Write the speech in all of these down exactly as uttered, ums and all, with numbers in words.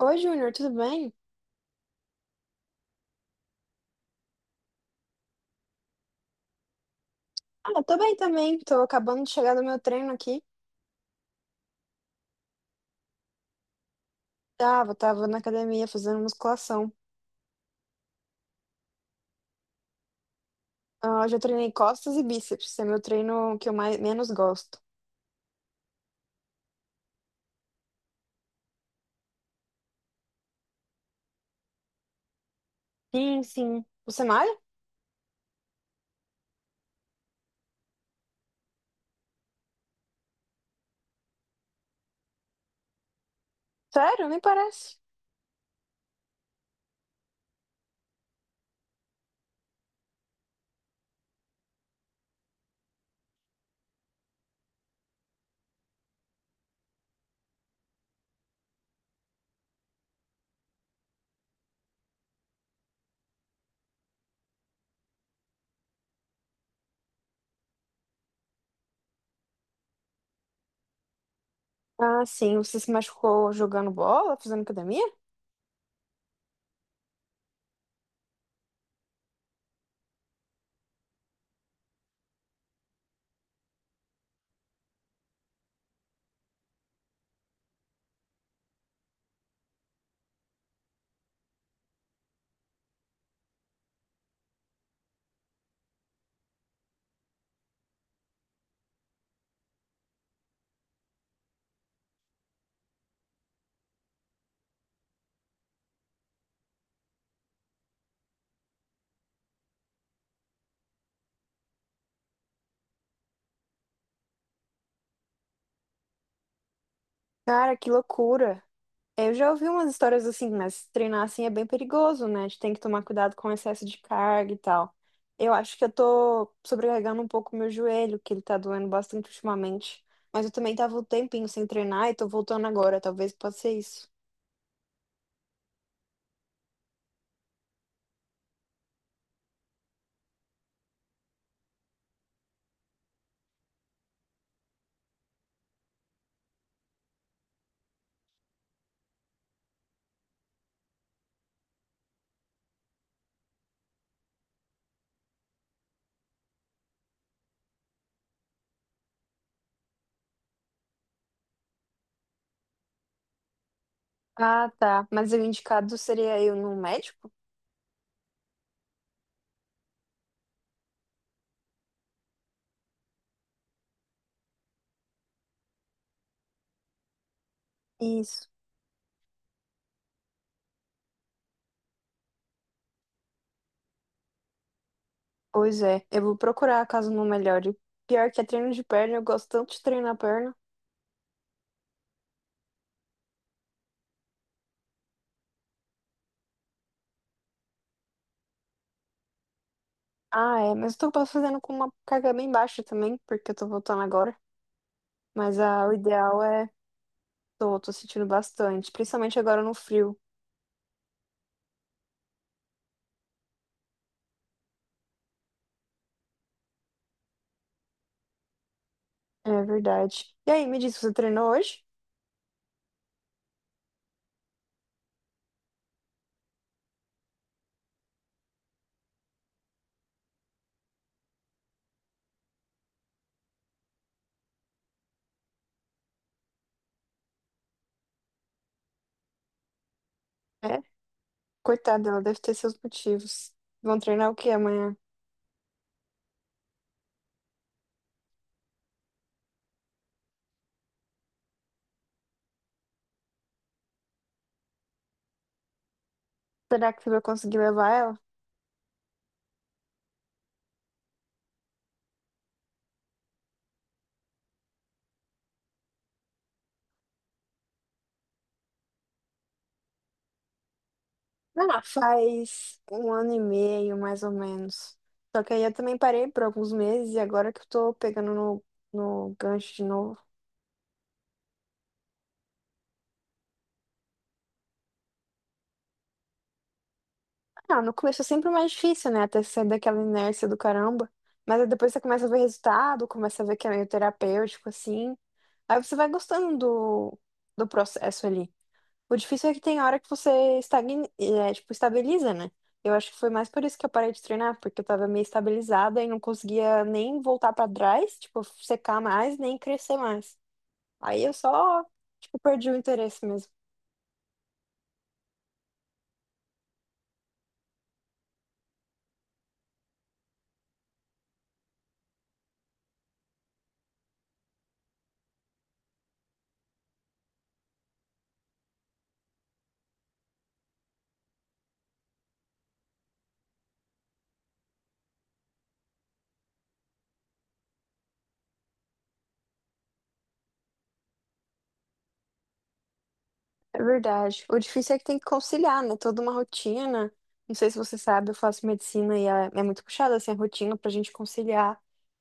Oi, Júnior, tudo bem? Ah, eu tô bem também. Tô acabando de chegar do meu treino aqui. Tava, tava na academia fazendo musculação. Ah, Hoje eu treinei costas e bíceps. Esse é meu treino que eu mais, menos gosto. Sim, sim. Você malha? Sério? Nem parece. Ah, sim. Você se machucou jogando bola, fazendo academia? Cara, que loucura. Eu já ouvi umas histórias assim, mas treinar assim é bem perigoso, né? A gente tem que tomar cuidado com o excesso de carga e tal. Eu acho que eu tô sobrecarregando um pouco o meu joelho, que ele tá doendo bastante ultimamente. Mas eu também tava um tempinho sem treinar e tô voltando agora, talvez possa ser isso. Ah, tá. Mas o indicado seria eu num médico? Isso. Pois é, eu vou procurar caso não melhore. Pior que é treino de perna, eu gosto tanto de treinar perna. Ah, é, mas eu tô fazendo com uma carga bem baixa também, porque eu tô voltando agora. Mas, ah, o ideal é. Tô, tô sentindo bastante, principalmente agora no frio. É verdade. E aí, me diz, você treinou hoje? É? Coitada, ela deve ter seus motivos. Vão treinar o que amanhã? Será que você vai conseguir levar ela? Ah, faz um ano e meio, mais ou menos. Só que aí eu também parei por alguns meses e agora que eu tô pegando no, no gancho de novo. Ah, no começo é sempre mais difícil, né? Até sair daquela inércia do caramba. Mas aí depois você começa a ver resultado, começa a ver que é meio terapêutico, assim. Aí você vai gostando do, do processo ali. O difícil é que tem hora que você estagna, é, tipo, estabiliza, né? Eu acho que foi mais por isso que eu parei de treinar, porque eu tava meio estabilizada e não conseguia nem voltar pra trás, tipo, secar mais, nem crescer mais. Aí eu só, tipo, perdi o interesse mesmo. É verdade. O difícil é que tem que conciliar, né? Toda uma rotina. Não sei se você sabe, eu faço medicina e é é muito puxada, assim, a rotina pra gente conciliar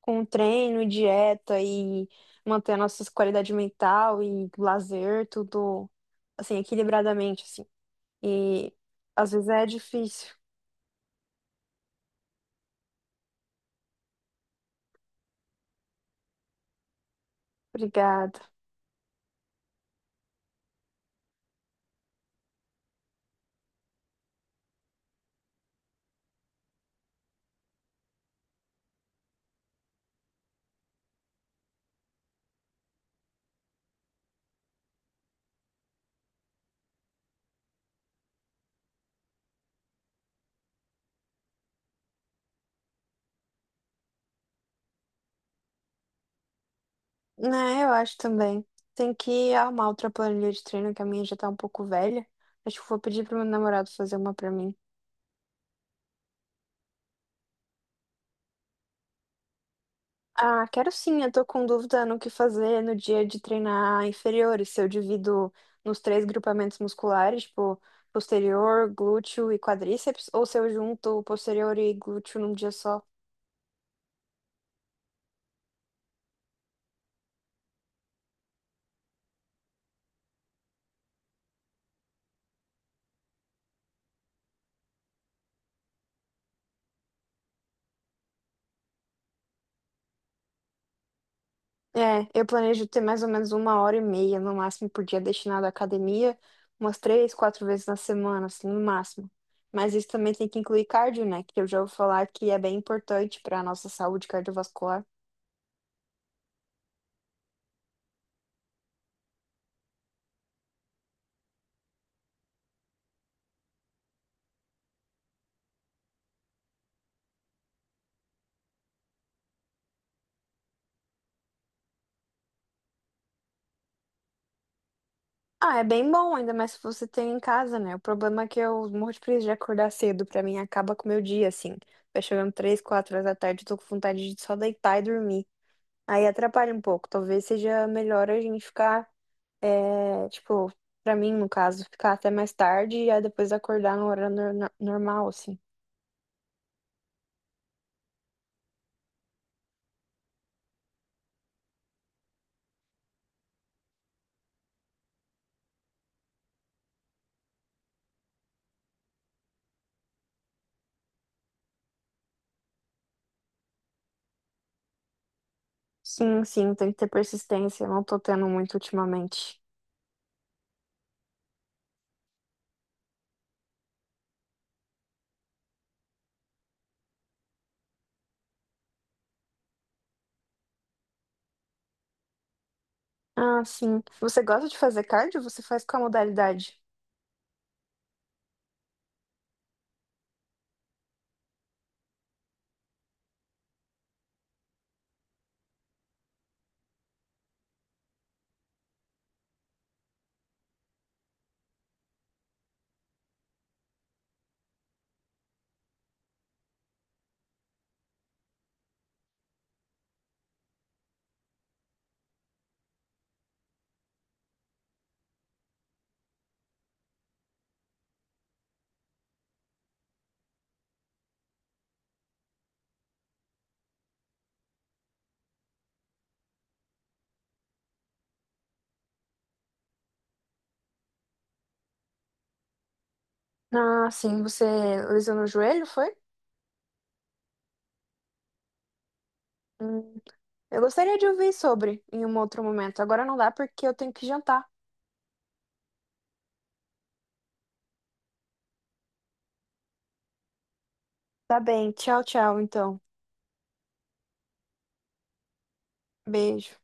com treino, dieta e manter a nossa qualidade mental e lazer, tudo assim, equilibradamente, assim. E às vezes é difícil. Obrigada. Né, eu acho também. Tem que arrumar outra planilha de treino, que a minha já tá um pouco velha. Acho que vou pedir pro meu namorado fazer uma pra mim. Ah, quero sim, eu tô com dúvida no que fazer no dia de treinar inferiores, se eu divido nos três grupamentos musculares, tipo posterior, glúteo e quadríceps, ou se eu junto posterior e glúteo num dia só. É, eu planejo ter mais ou menos uma hora e meia no máximo por dia destinado à academia, umas três, quatro vezes na semana, assim, no máximo. Mas isso também tem que incluir cardio, né? Que eu já ouvi falar que é bem importante para a nossa saúde cardiovascular. Ah, é bem bom, ainda mais se você tem em casa, né? O problema é que eu morro de preguiça de acordar cedo, pra mim acaba com o meu dia, assim. Vai chegando três, quatro horas da tarde, eu tô com vontade de só deitar e dormir. Aí atrapalha um pouco, talvez seja melhor a gente ficar, é, tipo, pra mim, no caso, ficar até mais tarde e aí depois acordar no horário nor- normal, assim. Sim, sim, tem que ter persistência, eu não tô tendo muito ultimamente. Ah, sim. Você gosta de fazer cardio? Você faz qual modalidade? Ah, sim, você lesionou o joelho, foi? Hum, eu gostaria de ouvir sobre em um outro momento. Agora não dá porque eu tenho que jantar. Tá bem, tchau, tchau, então. Beijo.